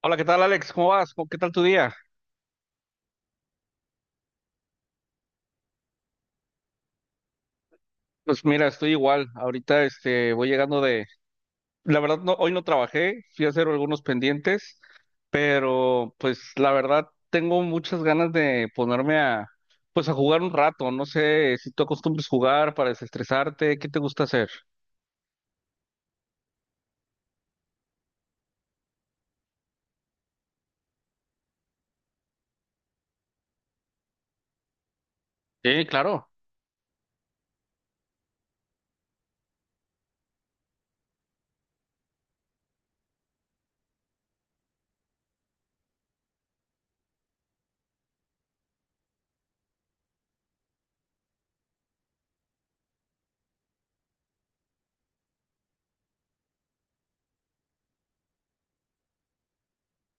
Hola, ¿qué tal, Alex? ¿Cómo vas? ¿Qué tal tu día? Pues mira, estoy igual. Ahorita voy llegando de, la verdad no, hoy no trabajé, fui a hacer algunos pendientes, pero pues la verdad tengo muchas ganas de ponerme a pues a jugar un rato. No sé si tú acostumbres jugar para desestresarte, ¿qué te gusta hacer? Sí, claro.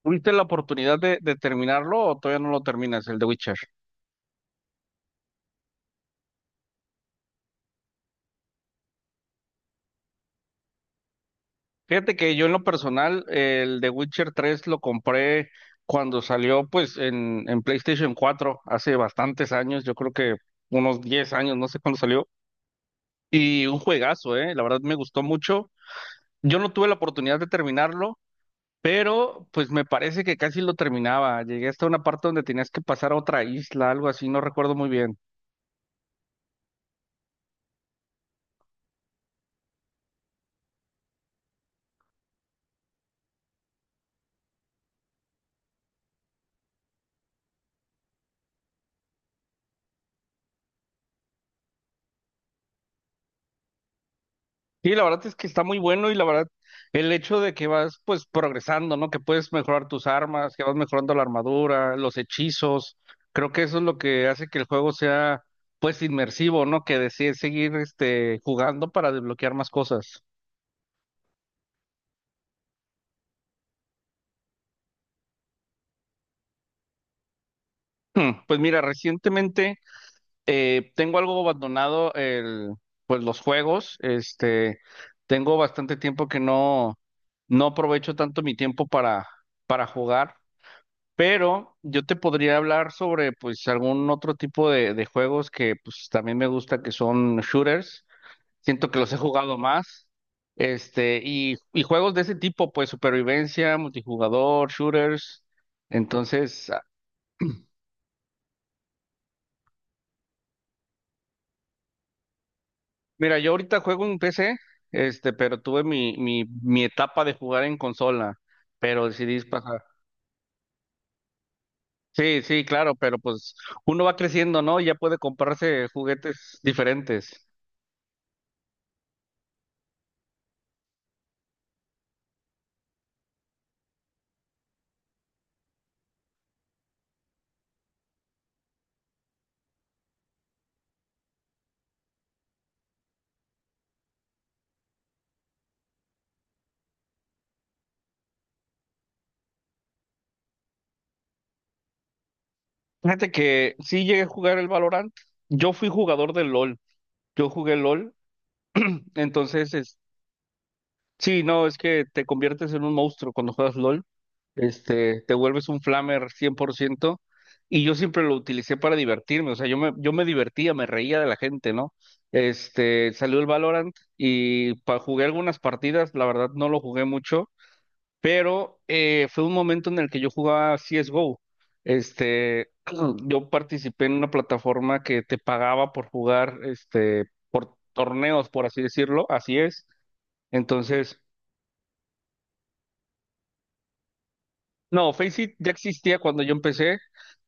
¿Tuviste la oportunidad de terminarlo o todavía no lo terminas, el de Witcher? Fíjate que yo en lo personal, el de Witcher 3 lo compré cuando salió pues en PlayStation 4, hace bastantes años, yo creo que unos 10 años, no sé cuándo salió. Y un juegazo, ¿eh? La verdad me gustó mucho. Yo no tuve la oportunidad de terminarlo, pero pues me parece que casi lo terminaba. Llegué hasta una parte donde tenías que pasar a otra isla, algo así, no recuerdo muy bien. Sí, la verdad es que está muy bueno y la verdad el hecho de que vas pues progresando, ¿no? Que puedes mejorar tus armas, que vas mejorando la armadura, los hechizos, creo que eso es lo que hace que el juego sea pues inmersivo, ¿no? Que decides seguir jugando para desbloquear más cosas. Pues mira, recientemente tengo algo abandonado el pues los juegos, tengo bastante tiempo que no aprovecho tanto mi tiempo para jugar. Pero yo te podría hablar sobre pues algún otro tipo de juegos que pues también me gusta que son shooters. Siento que los he jugado más. Y juegos de ese tipo, pues supervivencia, multijugador, shooters. Entonces, mira, yo ahorita juego en PC, pero tuve mi etapa de jugar en consola, pero decidí pasar. Sí, sí, claro, pero pues uno va creciendo, ¿no? Y ya puede comprarse juguetes diferentes. Fíjate que sí llegué a jugar el Valorant. Yo fui jugador del LOL. Yo jugué LOL. Entonces, sí, no, es que te conviertes en un monstruo cuando juegas LOL. Te vuelves un flamer 100%. Y yo siempre lo utilicé para divertirme. O sea, yo me divertía, me reía de la gente, ¿no? Salió el Valorant y jugué algunas partidas. La verdad, no lo jugué mucho pero fue un momento en el que yo jugaba CSGO. Este, yo participé en una plataforma que te pagaba por jugar, por torneos, por así decirlo, así es. Entonces, no, Faceit ya existía cuando yo empecé,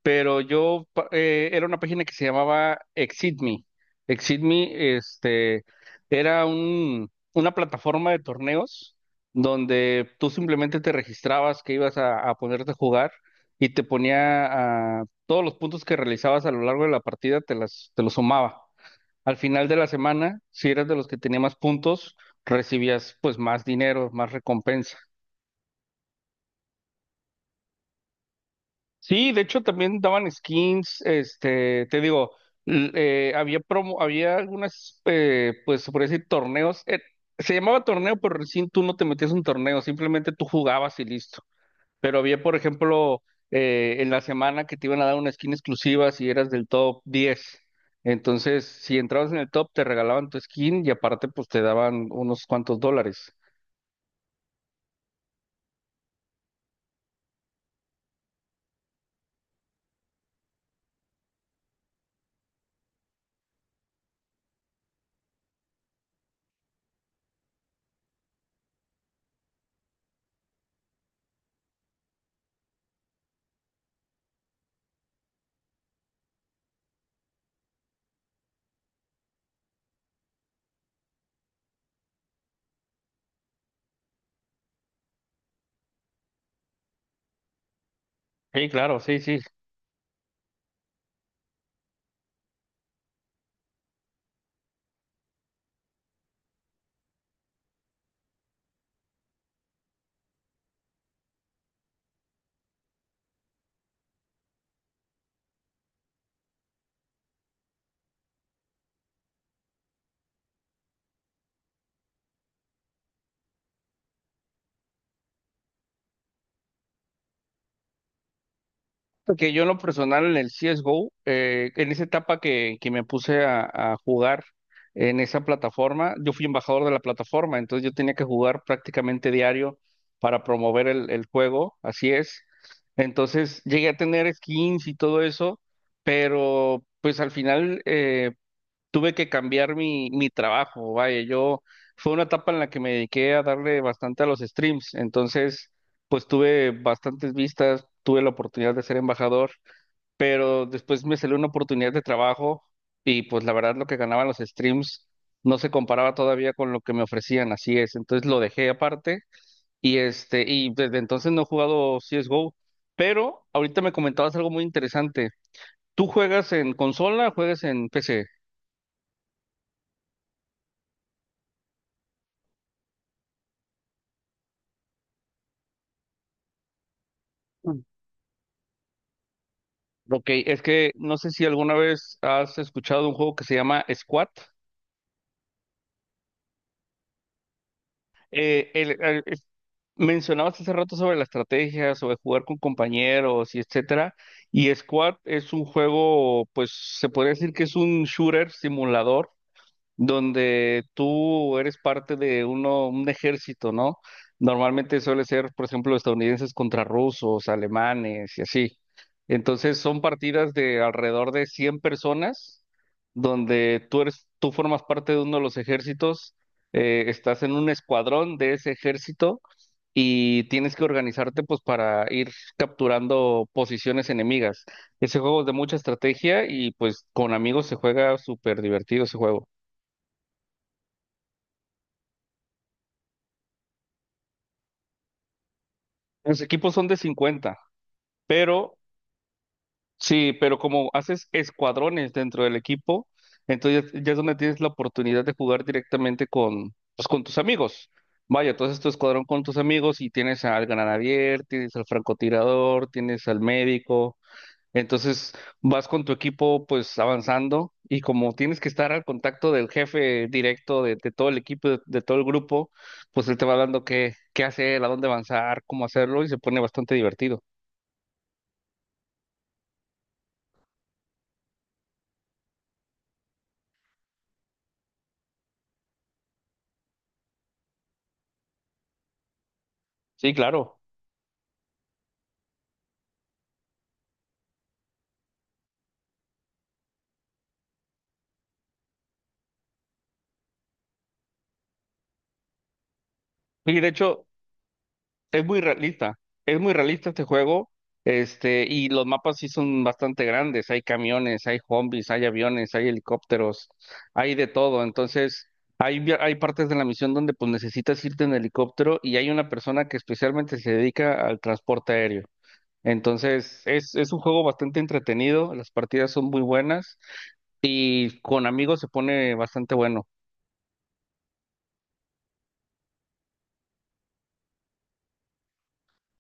pero yo era una página que se llamaba ExitMe. ExitMe, era una plataforma de torneos donde tú simplemente te registrabas que ibas a ponerte a jugar y te ponía todos los puntos que realizabas a lo largo de la partida, te los sumaba. Al final de la semana, si eras de los que tenía más puntos, recibías pues más dinero, más recompensa. Sí, de hecho también daban skins, te digo, había promo, había algunas, pues se podría decir torneos, se llamaba torneo, pero recién tú no te metías en un torneo, simplemente tú jugabas y listo. Pero había, por ejemplo, en la semana que te iban a dar una skin exclusiva si eras del top 10. Entonces, si entrabas en el top, te regalaban tu skin y aparte, pues te daban unos cuantos dólares. Sí, claro, sí, sí. Porque yo en lo personal en el CSGO, en esa etapa que me puse a jugar en esa plataforma, yo fui embajador de la plataforma, entonces yo tenía que jugar prácticamente diario para promover el juego, así es. Entonces llegué a tener skins y todo eso, pero pues al final, tuve que cambiar mi trabajo, vaya, yo fue una etapa en la que me dediqué a darle bastante a los streams, entonces pues tuve bastantes vistas, tuve la oportunidad de ser embajador, pero después me salió una oportunidad de trabajo y pues la verdad lo que ganaban los streams no se comparaba todavía con lo que me ofrecían, así es, entonces lo dejé aparte y desde entonces no he jugado CS:GO, pero ahorita me comentabas algo muy interesante. ¿Tú juegas en consola o juegas en PC? Ok, es que no sé si alguna vez has escuchado un juego que se llama Squad. Eh, el- el- es- mencionabas hace rato sobre la estrategia, sobre jugar con compañeros y etcétera. Y Squad es un juego, pues se podría decir que es un shooter simulador donde tú eres parte de un ejército, ¿no? Normalmente suele ser, por ejemplo, estadounidenses contra rusos, alemanes y así. Entonces son partidas de alrededor de 100 personas, donde tú eres, tú formas parte de uno de los ejércitos, estás en un escuadrón de ese ejército y tienes que organizarte pues para ir capturando posiciones enemigas. Ese juego es de mucha estrategia y pues con amigos se juega súper divertido ese juego. Los equipos son de 50, pero sí, pero como haces escuadrones dentro del equipo, entonces ya es donde tienes la oportunidad de jugar directamente con, pues, con tus amigos. Vaya, tú haces tu escuadrón con tus amigos y tienes al granadier, tienes al francotirador, tienes al médico. Entonces vas con tu equipo pues avanzando y como tienes que estar al contacto del jefe directo de todo el equipo, de todo el grupo, pues él te va dando qué hacer, a dónde avanzar, cómo hacerlo y se pone bastante divertido. Sí, claro. Y de hecho, es muy realista. Es muy realista este juego. Y los mapas sí son bastante grandes. Hay camiones, hay zombies, hay aviones, hay helicópteros, hay de todo. Entonces, hay partes de la misión donde pues necesitas irte en helicóptero y hay una persona que especialmente se dedica al transporte aéreo. Entonces, es un juego bastante entretenido. Las partidas son muy buenas y con amigos se pone bastante bueno.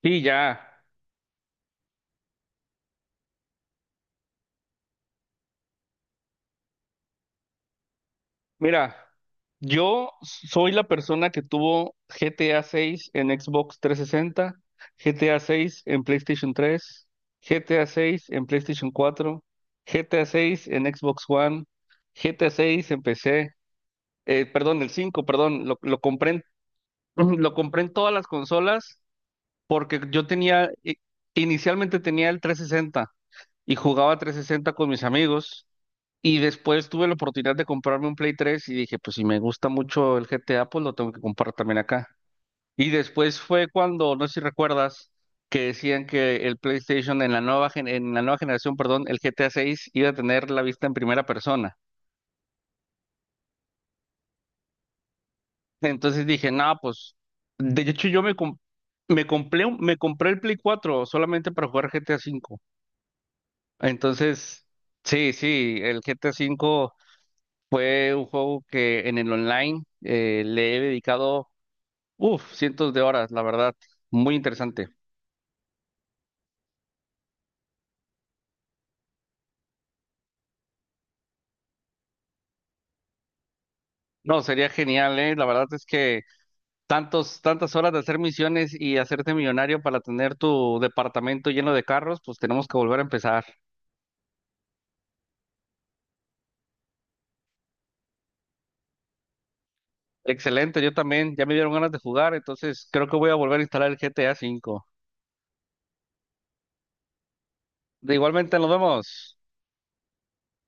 Sí, ya. Mira, yo soy la persona que tuvo GTA 6 en Xbox 360, GTA 6 en PlayStation 3, GTA 6 en PlayStation 4, GTA 6 en Xbox One, GTA 6 en PC, perdón, el 5, perdón, lo compré en todas las consolas porque inicialmente tenía el 360 y jugaba 360 con mis amigos. Y después tuve la oportunidad de comprarme un Play 3 y dije, pues si me gusta mucho el GTA, pues lo tengo que comprar también acá. Y después fue cuando, no sé si recuerdas, que decían que el PlayStation en la nueva generación, perdón, el GTA 6 iba a tener la vista en primera persona. Entonces dije, no, pues de hecho yo me com- me compré un- me compré el Play 4 solamente para jugar GTA 5. Entonces, sí, sí, el GTA 5 fue un juego que en el online le he dedicado, uf, cientos de horas, la verdad. Muy interesante. No, sería genial, ¿eh? La verdad es que tantas horas de hacer misiones y hacerte millonario para tener tu departamento lleno de carros, pues tenemos que volver a empezar. Excelente, yo también. Ya me dieron ganas de jugar, entonces creo que voy a volver a instalar el GTA V. De igualmente, nos vemos.